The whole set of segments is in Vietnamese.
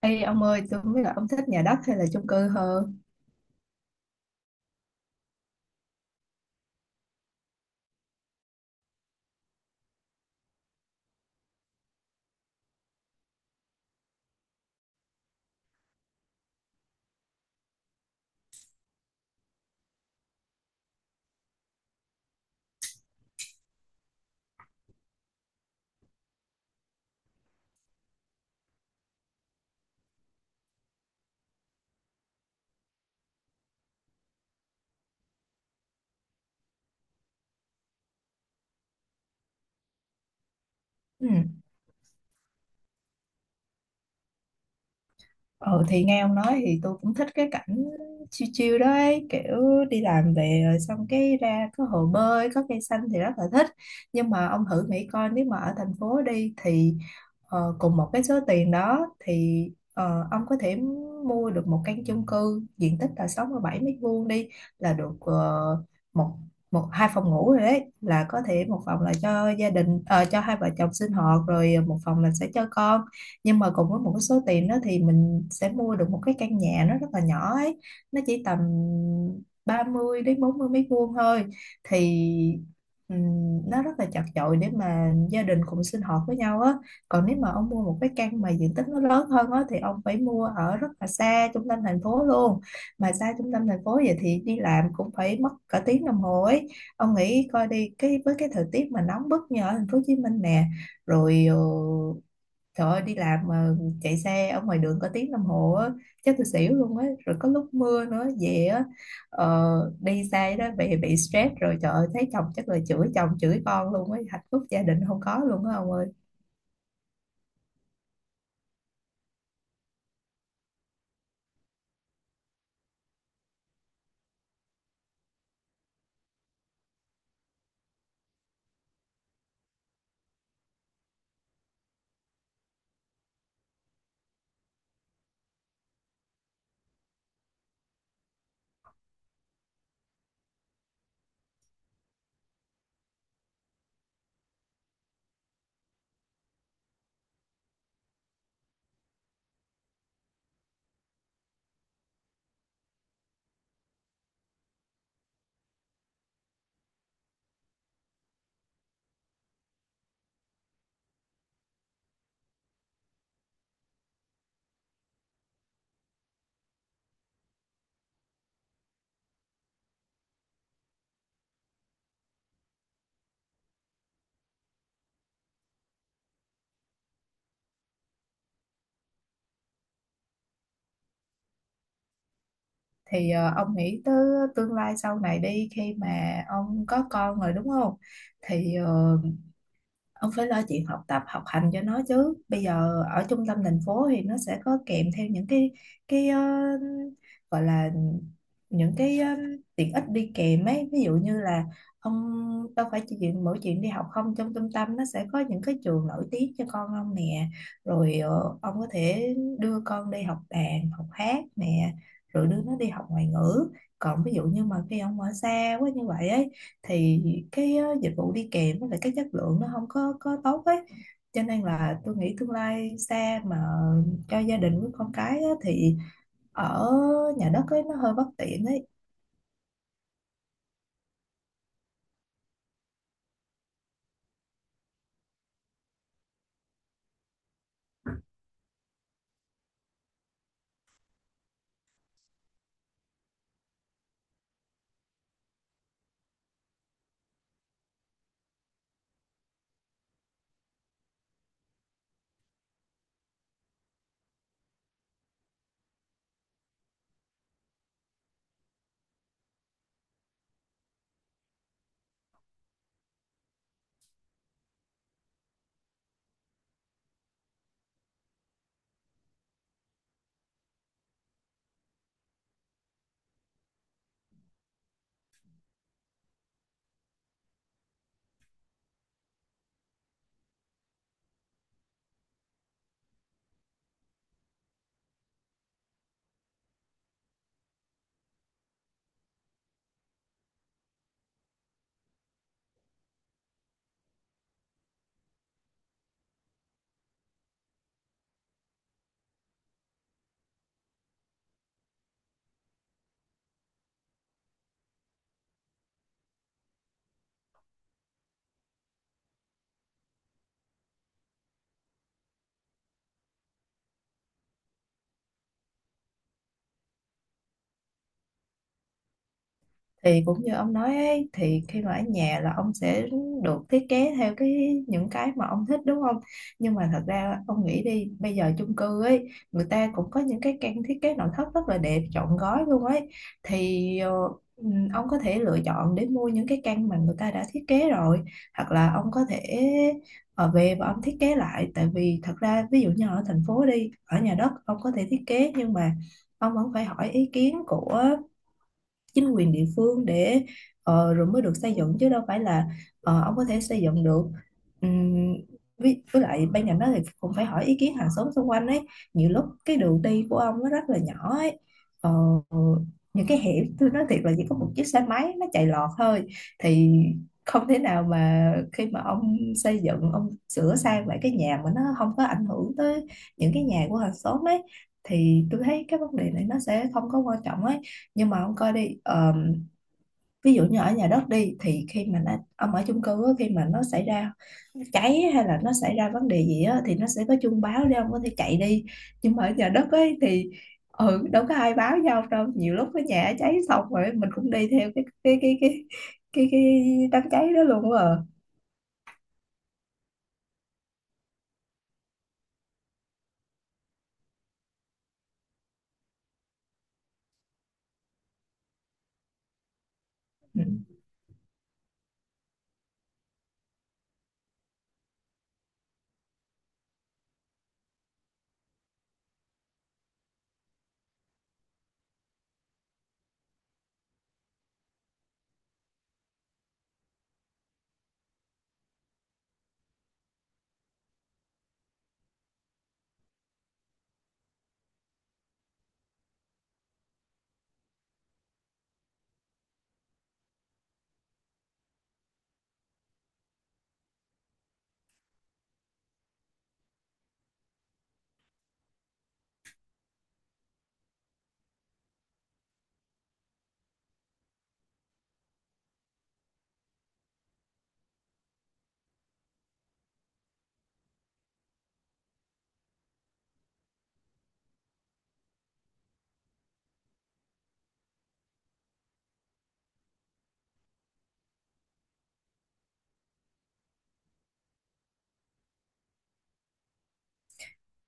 Ê ông ơi, tôi không biết là ông thích nhà đất hay là chung cư hơn. Ừ. Ừ, thì nghe ông nói thì tôi cũng thích cái cảnh chill chill đó ấy, kiểu đi làm về rồi xong cái ra có hồ bơi, có cây xanh thì rất là thích. Nhưng mà ông thử nghĩ coi nếu mà ở thành phố đi thì cùng một cái số tiền đó thì ông có thể mua được một căn chung cư diện tích là 67 m² đi, là được một một hai phòng ngủ rồi, đấy là có thể một phòng là cho gia đình, cho hai vợ chồng sinh hoạt, rồi một phòng là sẽ cho con. Nhưng mà cùng với một cái số tiền đó thì mình sẽ mua được một cái căn nhà nó rất là nhỏ ấy, nó chỉ tầm 30 đến 40 m² thôi. Thì nó rất là chật chội để mà gia đình cùng sinh hoạt với nhau á. Còn nếu mà ông mua một cái căn mà diện tích nó lớn hơn á thì ông phải mua ở rất là xa trung tâm thành phố luôn, mà xa trung tâm thành phố vậy thì đi làm cũng phải mất cả tiếng đồng hồ ấy. Ông nghĩ coi, đi cái với cái thời tiết mà nóng bức như ở thành phố Hồ Chí Minh nè, rồi trời ơi, đi làm mà chạy xe ở ngoài đường có tiếng đồng hồ á, chắc tôi xỉu luôn á. Rồi có lúc mưa nữa, về á, đi xe đó bị stress rồi, trời ơi, thấy chồng chắc là chửi chồng chửi con luôn á, hạnh phúc gia đình không có luôn á ông ơi. Thì ông nghĩ tới tương lai sau này đi, khi mà ông có con rồi đúng không? Thì ông phải lo chuyện học tập học hành cho nó chứ, bây giờ ở trung tâm thành phố thì nó sẽ có kèm theo những cái cái ờ, gọi là những tiện ích đi kèm ấy. Ví dụ như là ông đâu phải chỉ chuyện mỗi chuyện đi học không, trong trung tâm nó sẽ có những cái trường nổi tiếng cho con ông nè, rồi ông có thể đưa con đi học đàn học hát nè, rồi đưa nó đi học ngoại ngữ. Còn ví dụ như mà khi ông ở xa quá như vậy ấy thì cái dịch vụ đi kèm với lại cái chất lượng nó không có tốt ấy, cho nên là tôi nghĩ tương lai xa mà cho gia đình với con cái á, thì ở nhà đất ấy nó hơi bất tiện ấy. Thì cũng như ông nói ấy, thì khi mà ở nhà là ông sẽ được thiết kế theo cái những cái mà ông thích đúng không, nhưng mà thật ra ông nghĩ đi, bây giờ chung cư ấy người ta cũng có những cái căn thiết kế nội thất rất là đẹp trọn gói luôn ấy. Thì ông có thể lựa chọn để mua những cái căn mà người ta đã thiết kế rồi, hoặc là ông có thể ở về và ông thiết kế lại, tại vì thật ra ví dụ như ở thành phố đi, ở nhà đất ông có thể thiết kế nhưng mà ông vẫn phải hỏi ý kiến của chính quyền địa phương để rồi mới được xây dựng, chứ đâu phải là ông có thể xây dựng được. Ừm, với lại bên cạnh đó thì cũng phải hỏi ý kiến hàng xóm xung quanh ấy, nhiều lúc cái đường đi của ông nó rất là nhỏ ấy. Ờ, những cái hẻm tôi nói thiệt là chỉ có một chiếc xe máy nó chạy lọt thôi, thì không thể nào mà khi mà ông xây dựng, ông sửa sang lại cái nhà mà nó không có ảnh hưởng tới những cái nhà của hàng xóm ấy, thì tôi thấy cái vấn đề này nó sẽ không có quan trọng ấy. Nhưng mà ông coi đi, ví dụ như ở nhà đất đi, thì khi mà nó ông ở chung cư á, khi mà nó xảy ra cháy hay là nó xảy ra vấn đề gì á thì nó sẽ có chuông báo để ông có thể chạy đi, nhưng mà ở nhà đất ấy thì ừ đâu có ai báo nhau đâu, nhiều lúc cái nhà cháy xong rồi mình cũng đi theo cái đám cháy đó luôn á. Ừ.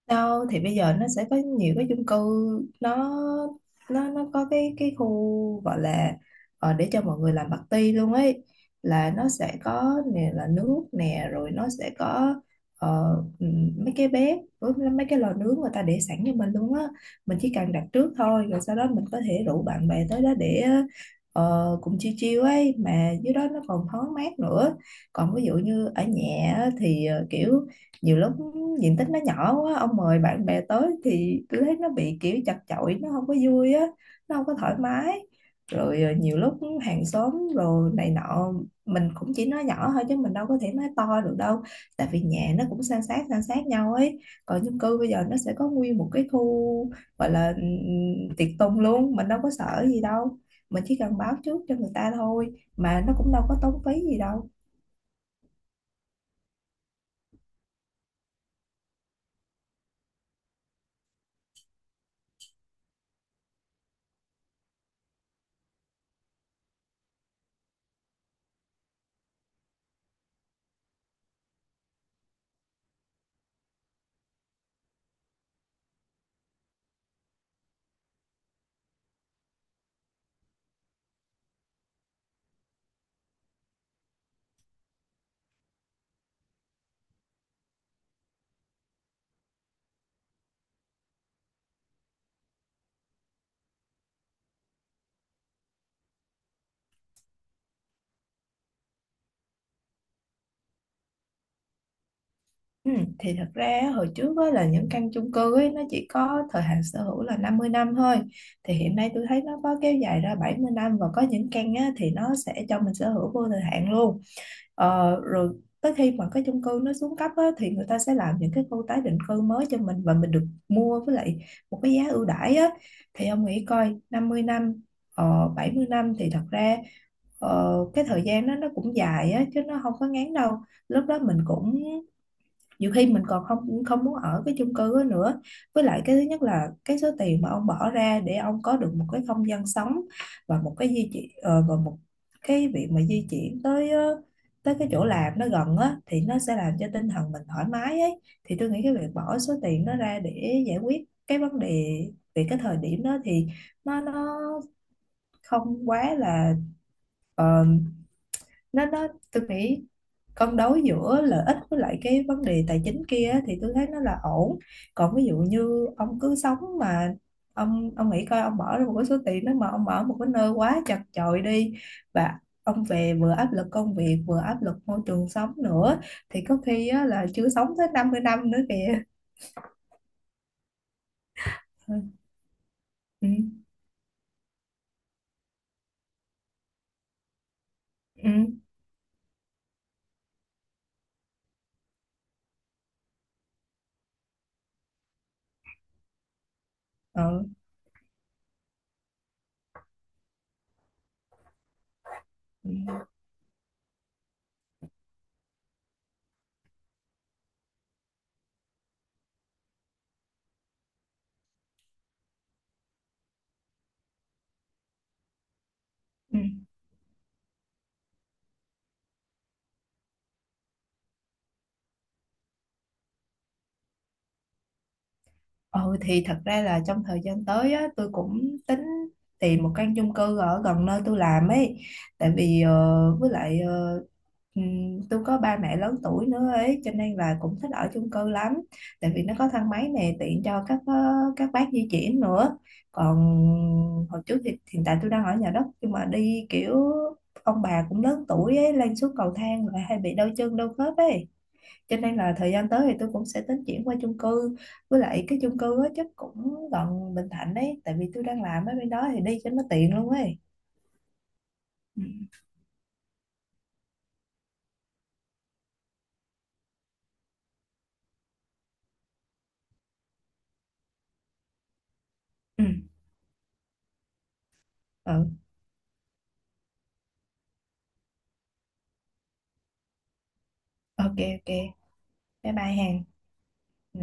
Đâu, thì bây giờ nó sẽ có nhiều cái chung cư, nó nó có cái khu gọi là để cho mọi người làm party luôn ấy, là nó sẽ có nè là nước nè, rồi nó sẽ có ờ, mấy cái bếp với mấy cái lò nướng người ta để sẵn cho mình luôn á, mình chỉ cần đặt trước thôi rồi sau đó mình có thể rủ bạn bè tới đó để cùng chiêu chiêu ấy, mà dưới đó nó còn thoáng mát nữa. Còn ví dụ như ở nhà á, thì kiểu nhiều lúc diện tích nó nhỏ quá, ông mời bạn bè tới thì tôi thấy nó bị kiểu chật chội, nó không có vui á, nó không có thoải mái. Rồi nhiều lúc hàng xóm rồi này nọ, mình cũng chỉ nói nhỏ thôi chứ mình đâu có thể nói to được đâu, tại vì nhà nó cũng san sát nhau ấy. Còn chung cư bây giờ nó sẽ có nguyên một cái khu gọi là tiệc tùng luôn, mình đâu có sợ gì đâu, mình chỉ cần báo trước cho người ta thôi, mà nó cũng đâu có tốn phí gì đâu. Ừ, thì thật ra á, hồi trước á, là những căn chung cư ấy, nó chỉ có thời hạn sở hữu là 50 năm thôi, thì hiện nay tôi thấy nó có kéo dài ra 70 năm, và có những căn á, thì nó sẽ cho mình sở hữu vô thời hạn luôn. Rồi tới khi mà cái chung cư nó xuống cấp á, thì người ta sẽ làm những cái khu tái định cư mới cho mình và mình được mua với lại một cái giá ưu đãi á. Thì ông nghĩ coi, 50 năm, 70 năm thì thật ra cái thời gian đó nó cũng dài á chứ nó không có ngắn đâu. Lúc đó mình cũng nhiều khi mình còn không không muốn ở cái chung cư đó nữa. Với lại cái thứ nhất là cái số tiền mà ông bỏ ra để ông có được một cái không gian sống, và một cái di chuyển, và một cái việc mà di chuyển tới tới cái chỗ làm nó gần á, thì nó sẽ làm cho tinh thần mình thoải mái ấy, thì tôi nghĩ cái việc bỏ số tiền đó ra để giải quyết cái vấn đề về cái thời điểm đó thì nó không quá là ờ, nó tôi nghĩ cân đối giữa lợi ích với lại cái vấn đề tài chính kia á, thì tôi thấy nó là ổn. Còn ví dụ như ông cứ sống mà ông nghĩ coi, ông bỏ ra một cái số tiền đó mà ông ở một cái nơi quá chật chội đi, và ông về vừa áp lực công việc vừa áp lực môi trường sống nữa, thì có khi á, là chưa sống tới 50 năm nữa kìa. Ừ, ừ, ừ, ừ. Ừ. Ừ, thì thật ra là trong thời gian tới á, tôi cũng tính tìm một căn chung cư ở gần nơi tôi làm ấy, tại vì với lại tôi có ba mẹ lớn tuổi nữa ấy, cho nên là cũng thích ở chung cư lắm, tại vì nó có thang máy này, tiện cho các các bác di chuyển nữa. Còn hồi trước thì hiện tại tôi đang ở nhà đất, nhưng mà đi kiểu ông bà cũng lớn tuổi ấy, lên xuống cầu thang lại hay bị đau chân đau khớp ấy, cho nên là thời gian tới thì tôi cũng sẽ tính chuyển qua chung cư, với lại cái chung cư á chắc cũng gần Bình Thạnh đấy, tại vì tôi đang làm ở bên đó thì đi cho nó tiện luôn ấy. Ừ. Ừ. Ừ, ok, ok, bye bye hàng. Ừ.